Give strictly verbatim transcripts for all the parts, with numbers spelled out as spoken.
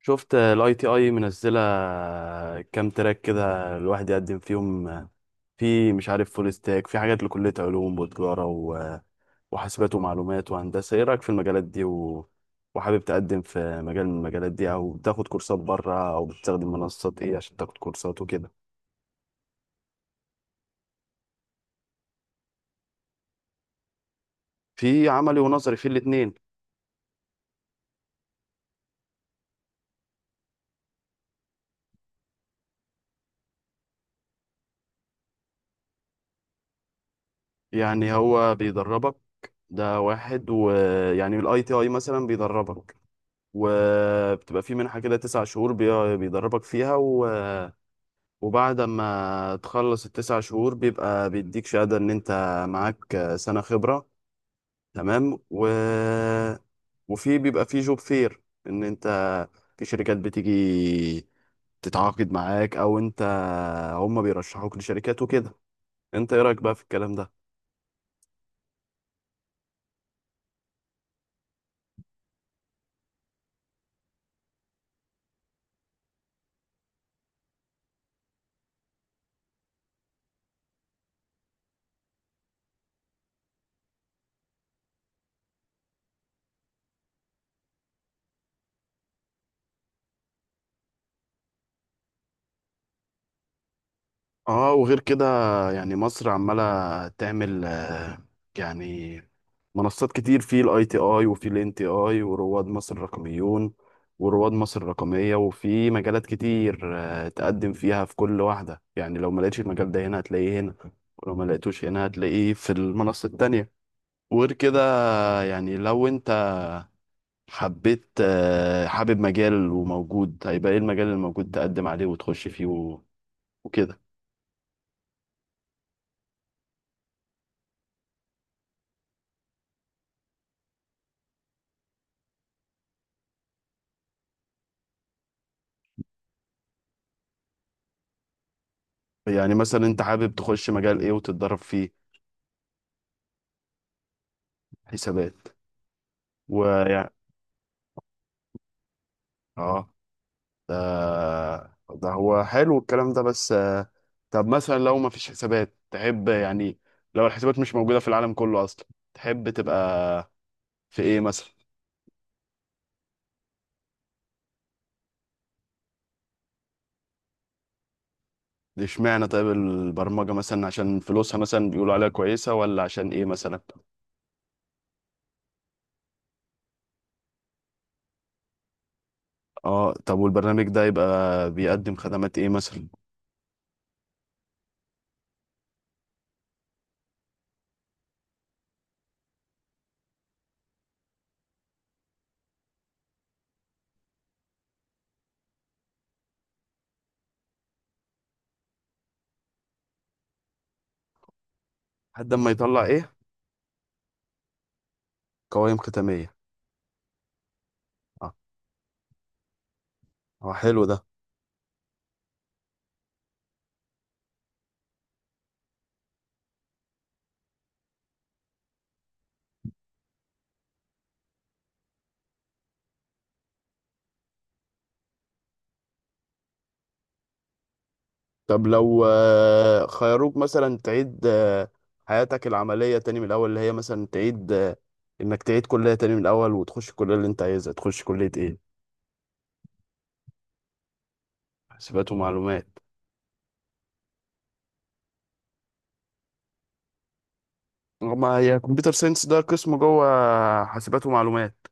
شفت الاي تي اي منزله كام تراك كده الواحد يقدم فيهم. في مش عارف فول ستاك، في حاجات لكليه علوم وتجاره و- وحاسبات ومعلومات وهندسه. ايه رايك في المجالات دي و... وحابب تقدم في مجال من المجالات دي، او بتاخد كورسات بره، او بتستخدم منصات ايه عشان تاخد كورسات وكده؟ في عملي ونظري، في الاتنين. يعني هو بيدربك، ده واحد. ويعني الاي تي اي مثلا بيدربك، وبتبقى في منحة كده تسع شهور بي- بيدربك فيها. وبعد ما تخلص التسع شهور بيبقى بيديك شهادة إن أنت معاك سنة خبرة، تمام. و... وفي بيبقى في جوب فير، إن أنت في شركات بتيجي تتعاقد معاك، أو أنت، هما بيرشحوك لشركات وكده. أنت إيه رأيك بقى في الكلام ده؟ اه، وغير كده، يعني مصر عمالة تعمل آه، يعني منصات كتير، في الاي تي اي وفي الان تي اي ورواد مصر الرقميون ورواد مصر الرقمية، وفي مجالات كتير آه، تقدم فيها في كل واحدة. يعني لو ما لقيتش المجال ده هنا هتلاقيه هنا، ولو ما لقيتوش هنا هتلاقيه في المنصة التانية. وغير كده آه، يعني لو انت حبيت آه، حابب مجال وموجود، هيبقى ايه المجال الموجود تقدم عليه وتخش فيه و- وكده. يعني مثلا انت حابب تخش مجال ايه وتتدرب فيه؟ حسابات، ويعني اه. ده ده هو حلو الكلام ده، بس آه، طب مثلا لو ما فيش حسابات تحب، يعني لو الحسابات مش موجودة في العالم كله اصلا، تحب تبقى في ايه مثلا؟ اشمعنى طيب البرمجة مثلا، عشان فلوسها مثلا بيقولوا عليها كويسة، ولا عشان ايه مثلا؟ اه، طب والبرنامج ده يبقى بيقدم خدمات ايه مثلا؟ لحد ما يطلع ايه؟ قوائم ختامية. اه، هو حلو ده. طب لو آه، خيروك مثلا تعيد آه، حياتك العملية تاني من الأول، اللي هي مثلا تعيد آه، إنك تعيد كلية تاني من الأول، وتخش الكلية اللي أنت عايزها، تخش كلية إيه؟ حاسبات ومعلومات. ما هي كمبيوتر ساينس ده قسم جوه حاسبات ومعلومات.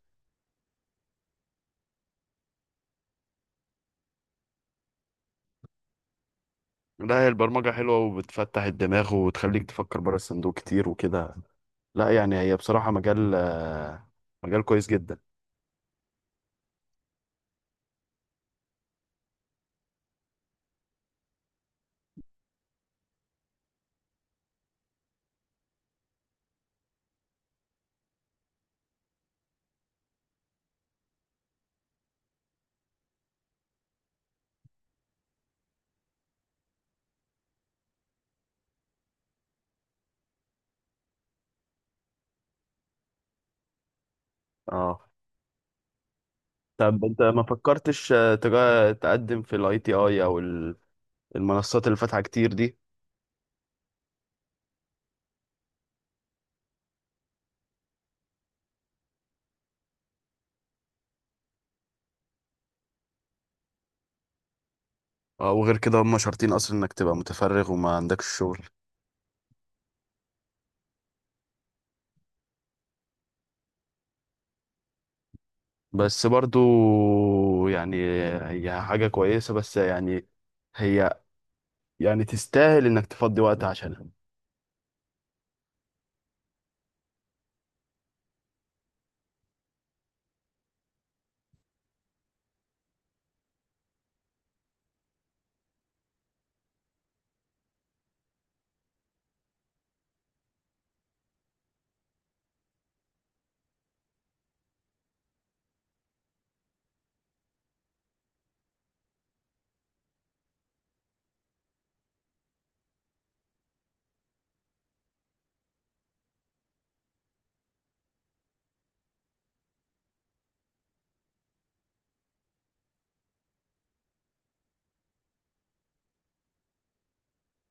لا، هي البرمجة حلوة وبتفتح الدماغ وتخليك تفكر بره الصندوق كتير وكده. لا يعني هي بصراحة مجال آه، مجال كويس جدا. اه، طب انت ما فكرتش آه، تجا- تقدم في الاي تي اي او ال- المنصات اللي فاتحة كتير دي؟ آه، وغير كده هم شرطين اصلا انك تبقى متفرغ وما عندكش شغل. بس برضو يعني هي حاجة كويسة، بس يعني هي، يعني تستاهل انك تفضي وقت عشانها.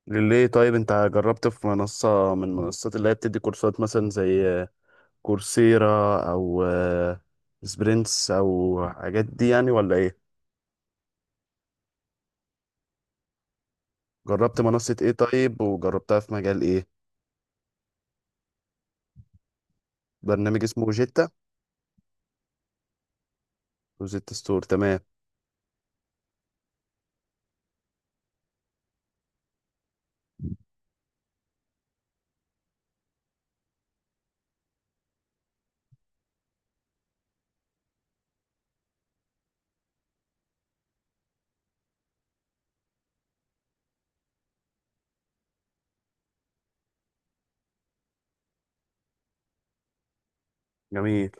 ليه طيب انت جربت في منصة من منصات اللي هي بتدي كورسات، مثلا زي كورسيرا او آه، سبرينتس او حاجات دي يعني، ولا ايه؟ جربت منصة ايه طيب، وجربتها في مجال ايه؟ برنامج اسمه جيتا؟ وجيتا ستور، تمام. جميل.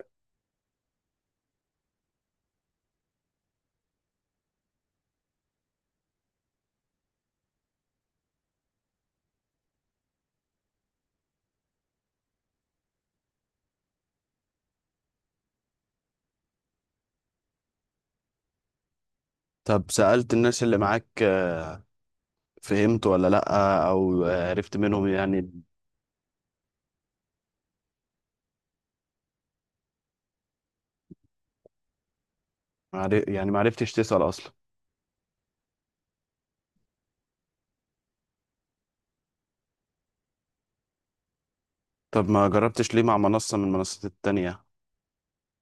طب سألت الناس اللي معاك فهمت ولا لأ، أو عرفت منهم يعني؟ معر- يعني معرفتش تسأل أصلا؟ طب ما جربتش ليه مع منصة من المنصات التانية،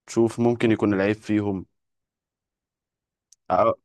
تشوف ممكن يكون العيب فيهم؟ أه،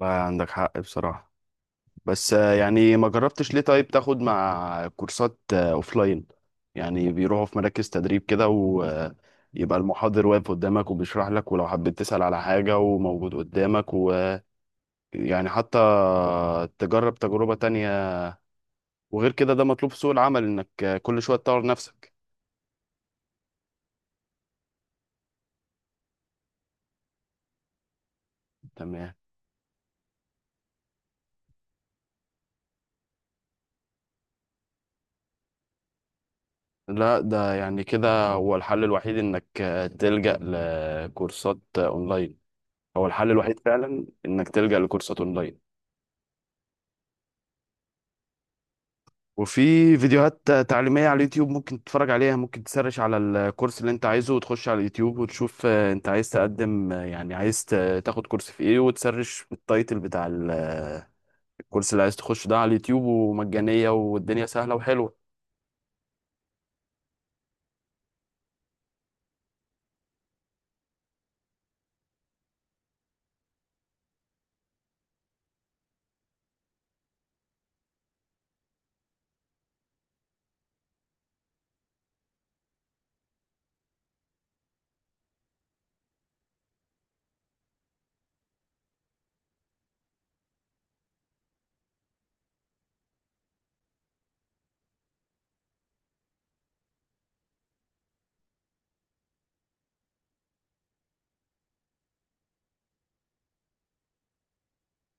عندك حق بصراحة. بس آه، يعني ما جربتش ليه طيب تاخد مع كورسات آه، أوفلاين؟ يعني بيروحوا في مراكز تدريب كده، ويبقى المحاضر واقف قدامك وبيشرح لك، ولو حبيت تسأل على حاجة وموجود قدامك، ويعني حتى تجرب تجربة تانية. وغير كده ده مطلوب في سوق العمل انك كل شويه تطور نفسك. تمام. لا ده يعني كده هو الحل الوحيد انك تلجأ لكورسات اونلاين، هو الحل الوحيد فعلا انك تلجأ لكورسات اونلاين. وفي فيديوهات تعليمية على اليوتيوب ممكن تتفرج عليها، ممكن تسرش على الكورس اللي انت عايزه وتخش على اليوتيوب وتشوف آه، انت عايز تقدم آه، يعني عايز ت- تاخد كورس في ايه، وتسرش التايتل بتاع ال- آه، الكورس اللي عايز تخش ده على اليوتيوب، ومجانية والدنيا سهلة وحلوة.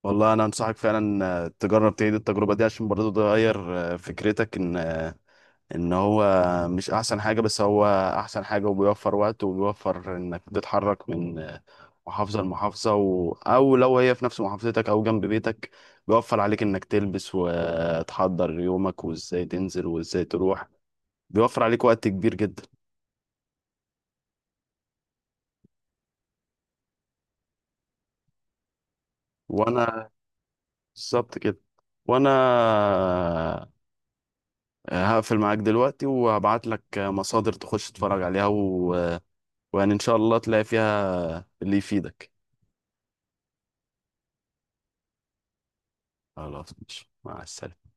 والله انا انصحك فعلا آه، تجرب تعيد التجربه دي، عشان برضه تغير آه، فكرتك ان آه، ان هو مش احسن حاجه، بس هو احسن حاجه، وبيوفر وقت، وبيوفر انك تتحرك من آه، محافظه لمحافظه و... او لو هي في نفس محافظتك او جنب بيتك، بيوفر عليك انك تلبس وتحضر يومك وازاي تنزل وازاي تروح، بيوفر عليك وقت كبير جدا. وانا بالظبط كده. وانا آه، هقفل معاك دلوقتي وهبعت لك مصادر تخش تتفرج عليها و... ويعني ان شاء الله تلاقي فيها اللي يفيدك. خلاص ماشي، مع السلامة.